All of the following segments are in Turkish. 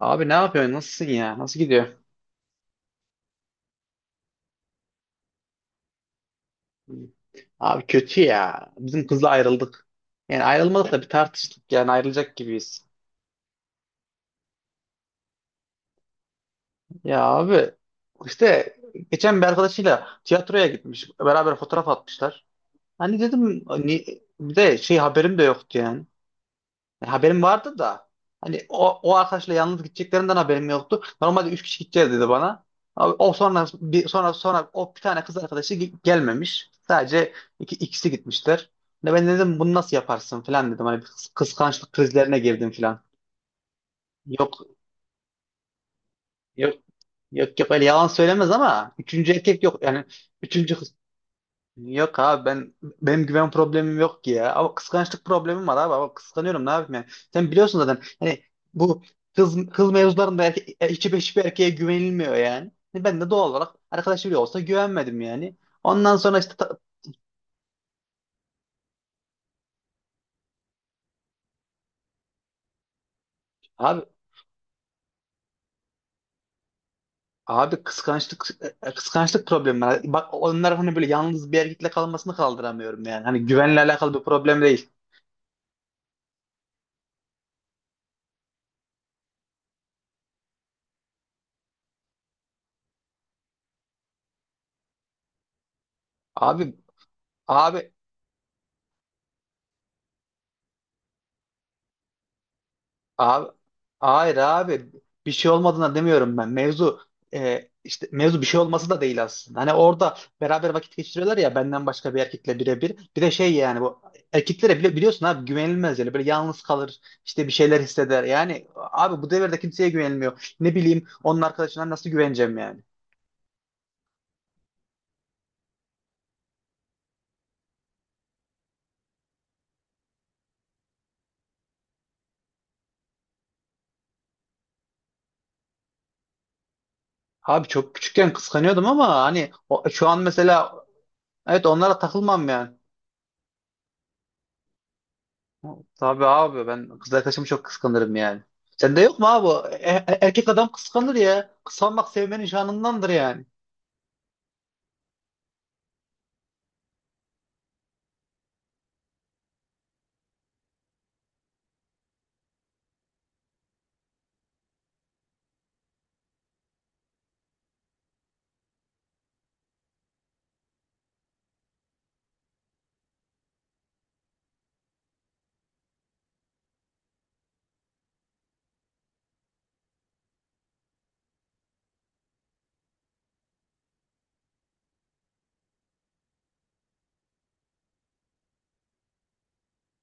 Abi ne yapıyorsun? Nasılsın ya? Nasıl gidiyor? Abi kötü ya. Bizim kızla ayrıldık. Yani ayrılmadık da bir tartıştık. Yani ayrılacak gibiyiz. Ya abi işte geçen bir arkadaşıyla tiyatroya gitmiş. Beraber fotoğraf atmışlar. Hani dedim ni- Bir de şey haberim de yoktu yani. Yani haberim vardı da hani o arkadaşla yalnız gideceklerinden haberim yoktu. Normalde üç kişi gideceğiz dedi bana. Abi, o sonra bir sonra sonra o bir tane kız gelmemiş. Sadece ikisi gitmişler. Ne ben dedim bunu nasıl yaparsın falan dedim. Hani bir kıskançlık krizlerine girdim falan. Yok yok yok, öyle yalan söylemez ama üçüncü erkek yok. Yani üçüncü Yok abi benim güven problemim yok ki ya. Ama kıskançlık problemim var abi. Ama kıskanıyorum ne yapayım yani. Sen biliyorsun zaten hani bu kız mevzularında hiçbir erkeğe güvenilmiyor yani. Hani ben de doğal olarak arkadaş bile olsa güvenmedim yani. Ondan sonra işte ta- abi abi, kıskançlık kıskançlık problemi var. Bak onlar hani böyle yalnız bir erkekle kalmasını kaldıramıyorum yani. Hani güvenle alakalı bir problem değil. Abi abi Abi, hayır abi, bir şey olmadığına demiyorum ben. Mevzu e, işte mevzu bir şey olması da değil aslında. Hani orada beraber vakit geçiriyorlar ya benden başka bir erkekle birebir. Bir de şey yani bu erkeklere bile biliyorsun abi güvenilmez yani böyle yalnız kalır işte bir şeyler hisseder. Yani abi bu devirde kimseye güvenilmiyor. Ne bileyim onun arkadaşına nasıl güveneceğim yani. Abi çok küçükken kıskanıyordum ama hani şu an mesela evet onlara takılmam yani. Tabii abi ben kız arkadaşımı çok kıskanırım yani. Sende yok mu abi? Erkek adam kıskanır ya. Kıskanmak sevmenin şanındandır yani.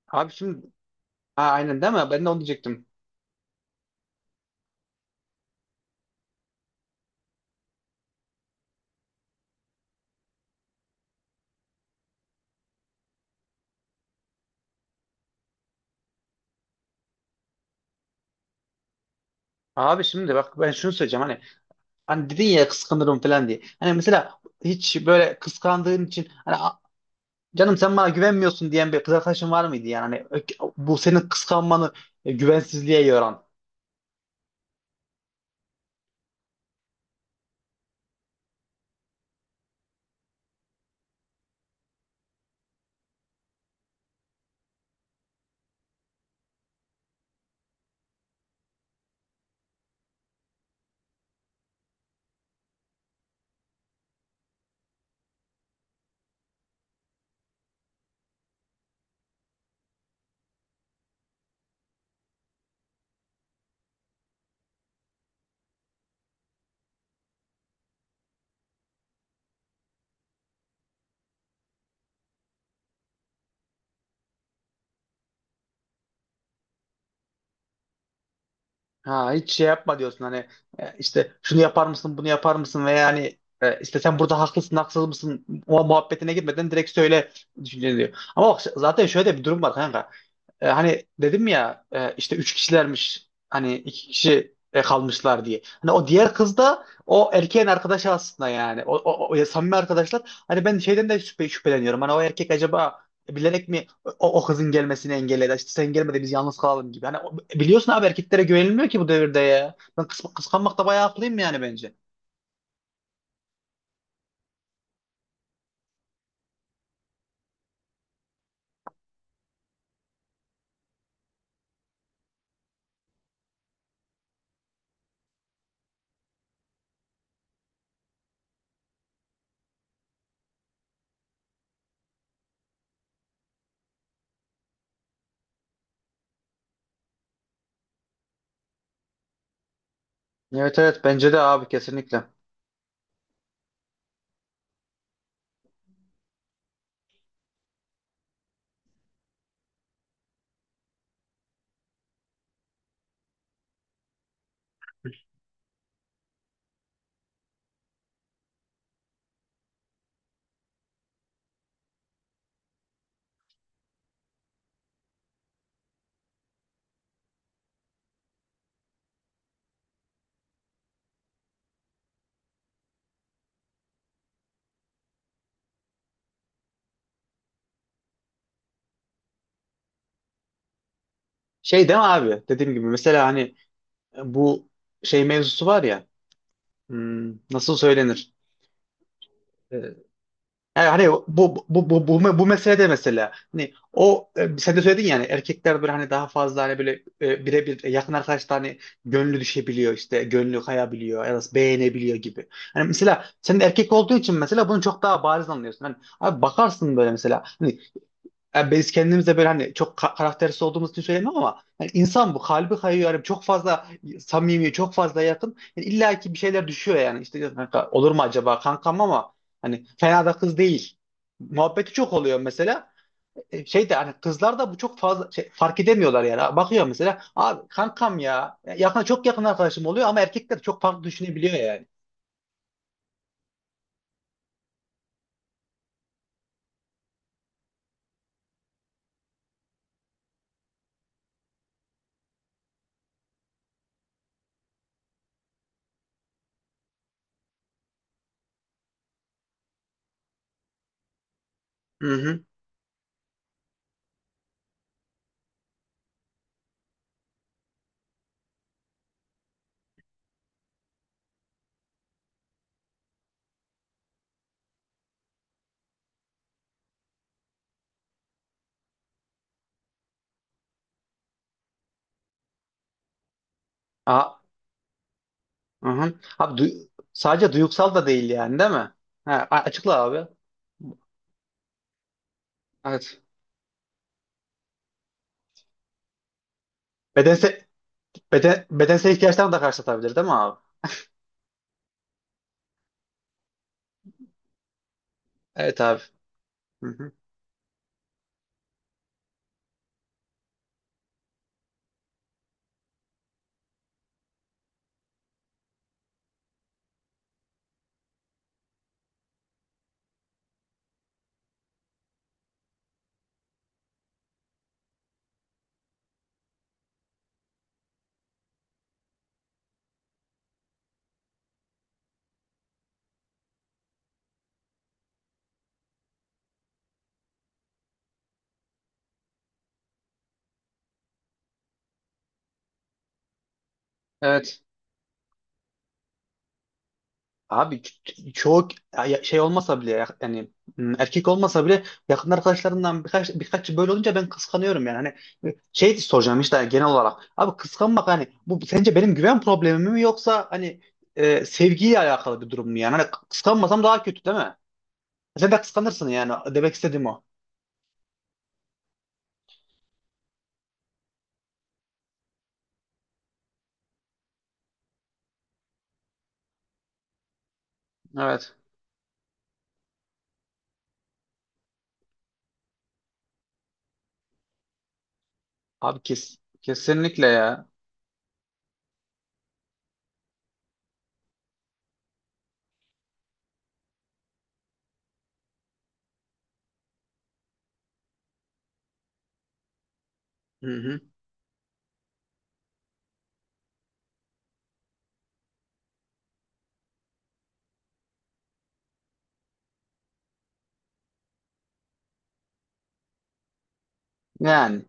Abi şimdi ha, aynen değil mi? Ben de onu diyecektim. Abi şimdi bak ben şunu söyleyeceğim hani dedin ya kıskanırım falan diye. Hani mesela hiç böyle kıskandığın için hani canım sen bana güvenmiyorsun" diyen bir kız arkadaşın var mıydı yani? Hani bu senin kıskanmanı güvensizliğe yoran. Ha, hiç şey yapma diyorsun hani işte şunu yapar mısın bunu yapar mısın ve yani işte sen burada haklısın haksız mısın o muhabbetine gitmeden direkt söyle düşünceni diyor. Ama bak zaten şöyle de bir durum var kanka. Hani dedim ya işte üç kişilermiş hani iki kişi kalmışlar diye. Hani o diğer kız da o erkeğin arkadaşı aslında yani. Samimi arkadaşlar. Hani ben şeyden de şüpheleniyorum. Hani o erkek acaba bilerek mi o kızın gelmesini engel eder. İşte sen gelme de biz yalnız kalalım gibi. Hani biliyorsun abi erkeklere güvenilmiyor ki bu devirde ya. Ben kıskanmakta bayağı haklıyım yani bence. Evet, evet, bence de abi kesinlikle. Şey değil mi abi? Dediğim gibi mesela hani bu şey mevzusu var ya. Nasıl söylenir? Yani hani bu meselede mesela hani o sen de söyledin yani erkekler böyle hani daha fazla hani böyle birebir yakın arkadaşlar hani gönlü düşebiliyor işte gönlü kayabiliyor ya da beğenebiliyor gibi. Hani mesela sen de erkek olduğu için mesela bunu çok daha bariz anlıyorsun. Hani abi bakarsın böyle mesela hani yani biz kendimize böyle hani çok karaktersiz olduğumuz için söylemiyorum ama hani insan bu kalbi kayıyor yani çok fazla samimi çok fazla yakın yani illa ki bir şeyler düşüyor yani işte ya kanka olur mu acaba kankam ama hani fena da kız değil muhabbeti çok oluyor mesela. Şey de hani kızlar da bu çok fazla fark edemiyorlar yani bakıyor mesela abi kankam ya yakın çok yakın arkadaşım oluyor ama erkekler çok farklı düşünebiliyor yani. Hı hı. Aa, hı hı. Abi sadece duygusal da değil yani değil mi? Ha, açıkla abi. Evet. bedensel Bedensel ihtiyaçlarını da karşılatabilir değil mi abi? Evet abi. Hı hı. Evet. Abi çoğu şey olmasa bile yani erkek olmasa bile yakın arkadaşlarından birkaç böyle olunca ben kıskanıyorum yani. Hani şey soracağım işte hani, genel olarak. Abi kıskanmak hani bu sence benim güven problemim mi yoksa hani sevgiyle alakalı bir durum mu yani? Hani kıskanmasam daha kötü değil mi? Sen de kıskanırsın yani. Demek istediğim o. Evet. Abi kes. Kesinlikle ya. Hı hı. Yani.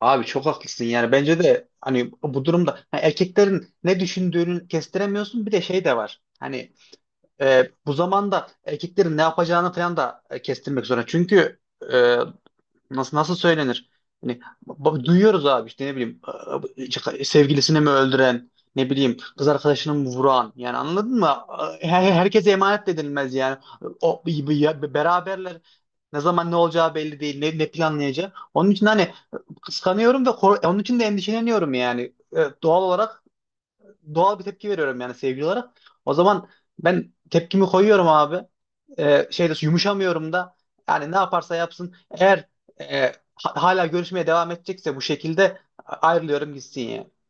Abi çok haklısın yani bence de hani bu durumda ha, erkeklerin ne düşündüğünü kestiremiyorsun bir de şey de var. Hani bu zamanda erkeklerin ne yapacağını falan da kestirmek zorunda. Çünkü e, nasıl söylenir? Hani duyuyoruz abi işte ne bileyim işte sevgilisini mi öldüren ne bileyim kız arkadaşını mı vuran yani anladın mı? Herkese emanet de edilmez yani. O, beraberler ne zaman ne olacağı belli değil, ne planlayacağı. Onun için hani kıskanıyorum ve onun için de endişeleniyorum yani. Evet, doğal olarak doğal bir tepki veriyorum yani sevgili olarak. O zaman ben tepkimi koyuyorum abi. Şeyde yumuşamıyorum da yani ne yaparsa yapsın eğer e, hala görüşmeye devam edecekse bu şekilde ayrılıyorum gitsin yani.